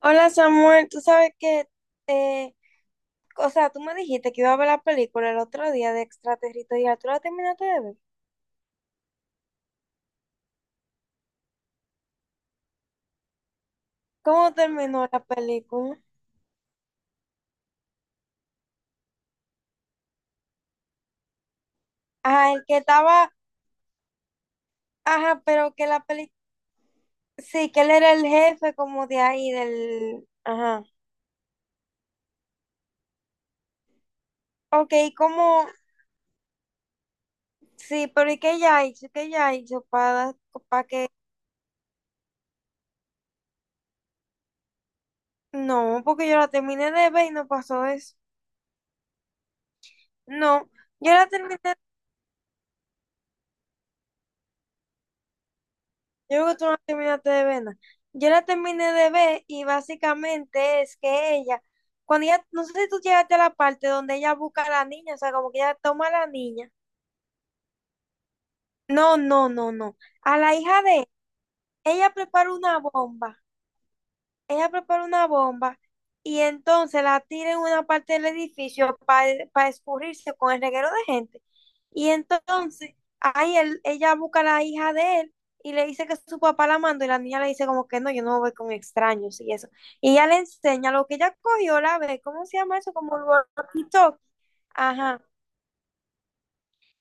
Hola Samuel, tú sabes que, eh, o sea, tú me dijiste que iba a ver la película el otro día de Extraterritorial, ¿tú la terminaste de ver? ¿Cómo terminó la película? Ah, el que estaba, ajá, pero que la película, sí, que él era el jefe como de ahí, del, ajá. Ok, ¿cómo? Sí, pero ¿y qué ella hizo? ¿Qué ella hizo para que? No, porque yo la terminé de ver y no pasó eso. No, yo la terminé. Yo creo que tú no la terminaste de ver. Nada. Yo la terminé de ver y básicamente es que ella, cuando ella, no sé si tú llegaste a la parte donde ella busca a la niña, o sea, como que ella toma a la niña. No, no, no, no. A la hija de ella prepara una bomba. Ella prepara una bomba y entonces la tira en una parte del edificio para escurrirse con el reguero de gente. Y entonces ahí ella busca a la hija de él y le dice que su papá la mandó y la niña le dice como que no, yo no voy con extraños y eso. Y ella le enseña lo que ella cogió, la ve, ¿cómo se llama eso? Como el walkie-talkie. Ajá.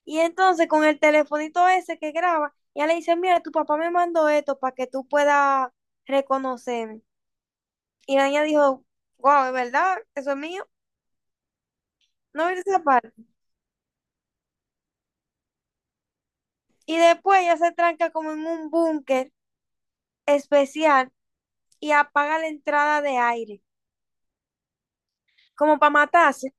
Y entonces con el telefonito ese que graba, ella le dice, mira, tu papá me mandó esto para que tú puedas reconocer, y la niña dijo, wow, ¿es verdad? ¿Eso es mío? No viste esa parte. Y después ella se tranca como en un búnker especial y apaga la entrada de aire, como para matarse.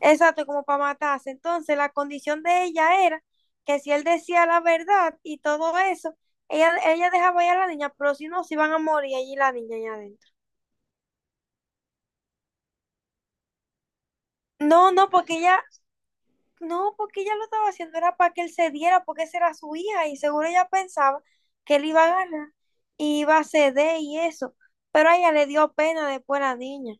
Exacto, como para matarse. Entonces la condición de ella era que si él decía la verdad y todo eso, ella dejaba ir a la niña, pero si no, se iban a morir allí la niña allá adentro. No, no, porque ella. No, porque ella lo estaba haciendo, era para que él se diera, porque esa era su hija y seguro ella pensaba que él iba a ganar y iba a ceder y eso. Pero a ella le dio pena después la niña.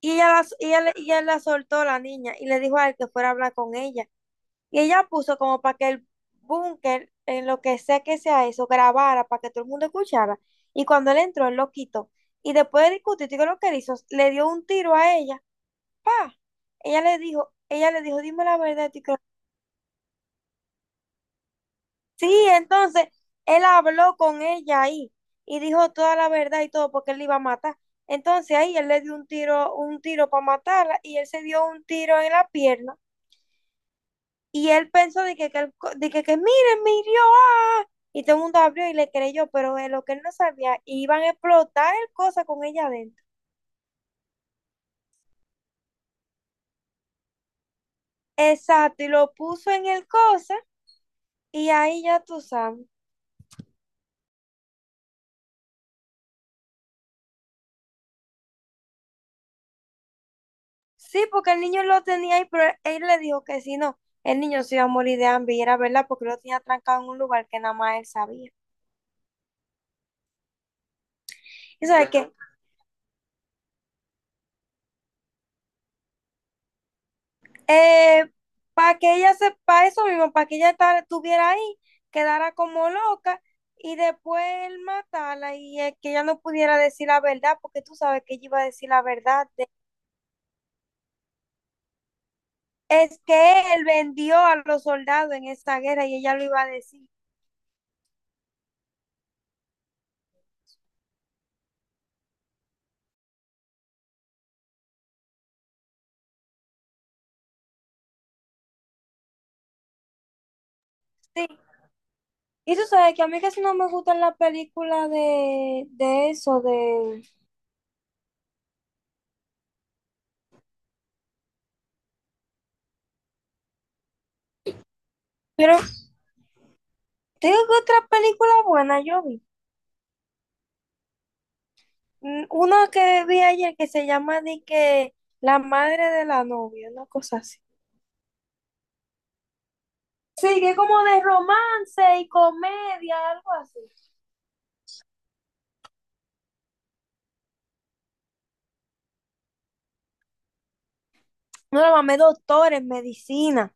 Y ella la soltó la niña y le dijo a él que fuera a hablar con ella. Y ella puso como para que el búnker, en lo que sea eso, grabara para que todo el mundo escuchara. Y cuando él entró, él lo quitó. Y después de discutir, ¿qué es lo que él hizo? Le dio un tiro a ella. ¡Pa! Ella le dijo, dime la verdad, y sí, entonces él habló con ella ahí y dijo toda la verdad y todo porque él la iba a matar. Entonces ahí él le dio un tiro para matarla y él se dio un tiro en la pierna y él pensó de que, él co- de que, miren, me hirió, ¡ah! Y todo el mundo abrió y le creyó, pero de lo que él no sabía, iban a explotar el cosa con ella adentro. Exacto, y lo puso en el cosa y ahí ya tú sabes. Sí, porque el niño lo tenía ahí, pero él le dijo que si no, el niño se iba a morir de hambre y era verdad porque lo tenía trancado en un lugar que nada más él sabía. Y sabes que para que ella sepa eso mismo, para que estuviera ahí, quedara como loca y después él matarla y que ella no pudiera decir la verdad, porque tú sabes que ella iba a decir la verdad. Es que él vendió a los soldados en esta guerra y ella lo iba a decir. Sí, y tú sabes que a mí casi no me gustan las películas de eso, de... Pero tengo otra película buena, yo vi. Una que vi ayer que se llama de que La madre de la novia, una cosa así. Sí, que es como de romance y comedia, algo así. No, la mamé doctor en medicina.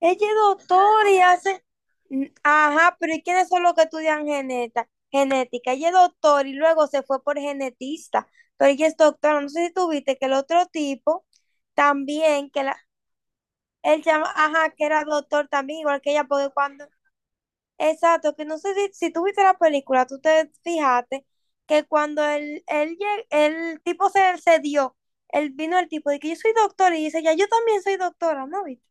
Ella es doctora y hace. Ajá, pero ¿y quiénes son los que estudian genética? Ella es doctora y luego se fue por genetista, pero ella es doctora. No sé si tú viste que el otro tipo también, que la, él llama, ajá, que era doctor también, igual que ella, porque cuando. Exacto, que no sé si, si tú viste la película, tú te fijaste que cuando el tipo se dio, él vino el tipo de que yo soy doctor y dice, ya yo también soy doctora, ¿no viste?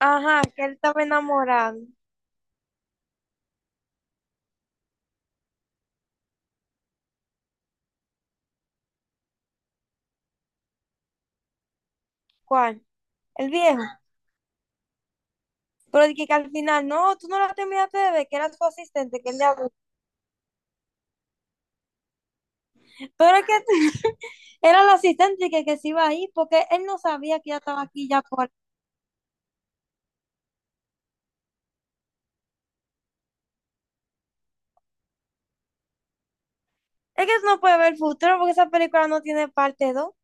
Ajá, que él estaba enamorado. ¿Cuál? El viejo. Pero de que al final, no, tú no la terminaste de ver, que era su asistente, que él le habló. Pero es que era el asistente que se iba a ir, porque él no sabía que ya estaba aquí ya por... Es que eso no puede ver el futuro, porque esa película no tiene parte dos.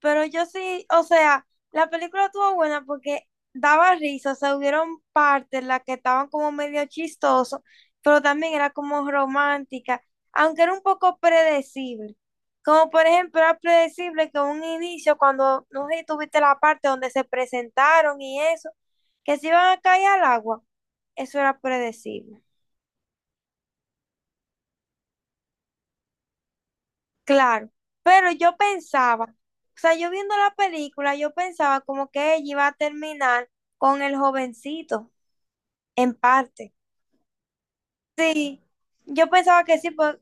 Pero yo sí, o sea, la película estuvo buena porque daba risa, o sea, hubieron partes en las que estaban como medio chistoso, pero también era como romántica, aunque era un poco predecible. Como por ejemplo, era predecible que un inicio, cuando, no sé si tuviste la parte donde se presentaron y eso, que se iban a caer al agua, eso era predecible. Claro, pero yo pensaba, o sea, yo viendo la película, yo pensaba como que ella iba a terminar con el jovencito, en parte. Sí, yo pensaba que sí,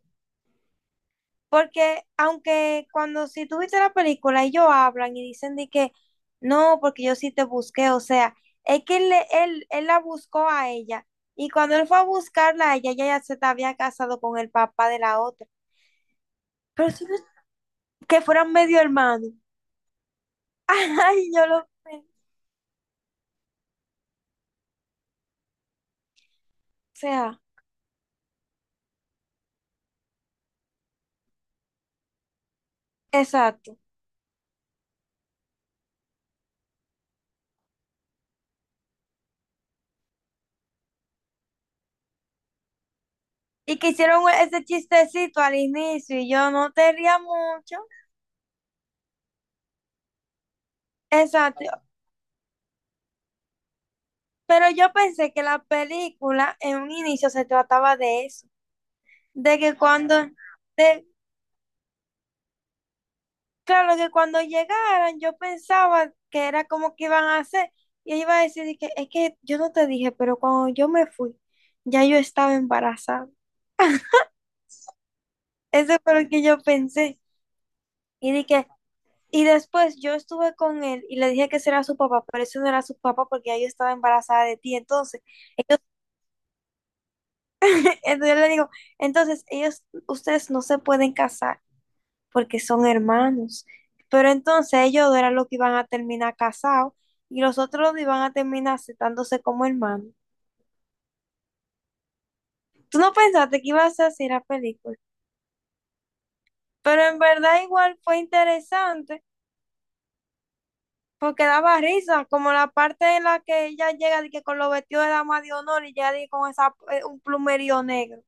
porque aunque cuando si tú viste la película, ellos hablan y dicen de que no, porque yo sí te busqué, o sea, es que él la buscó a ella y cuando él fue a buscarla a ella, ella ya se te había casado con el papá de la otra, pero que fueran medio hermanos. Ay, yo lo pensé. O sea, exacto. Y que hicieron ese chistecito al inicio y yo no te ría mucho. Exacto. Pero yo pensé que la película en un inicio se trataba de eso. De que cuando, de, claro, que cuando llegaran yo pensaba que era como que iban a hacer. Y ella iba a decir de que es que yo no te dije, pero cuando yo me fui, ya yo estaba embarazada. Eso fue lo que yo pensé. Y dije, y después yo estuve con él y le dije que ese era su papá, pero ese no era su papá porque ya yo estaba embarazada de ti. Entonces, ellos- entonces yo le digo, entonces ellos, ustedes no se pueden casar porque son hermanos. Pero entonces ellos dos eran los que iban a terminar casados y los otros dos iban a terminar aceptándose como hermanos. Tú no pensaste que ibas a hacer la película, pero en verdad igual fue interesante. Porque daba risa, como la parte en la que ella llega de que con los vestidos de dama de honor y llega de que con esa, un plumerío negro.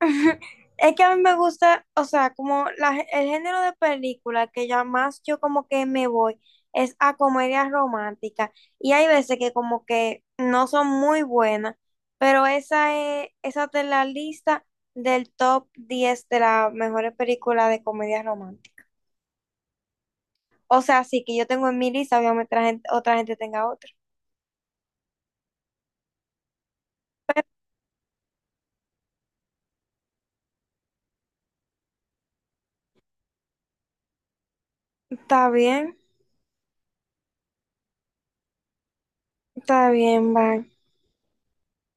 Es que a mí me gusta, o sea, como la el género de película que ya más yo como que me voy es a comedias románticas. Y hay veces que como que no son muy buenas, pero esa es, esa está en la lista del top 10 de las mejores películas de comedias románticas. O sea, sí que yo tengo en mi lista, obviamente la gente- otra gente tenga otra. Está bien, está bien, va.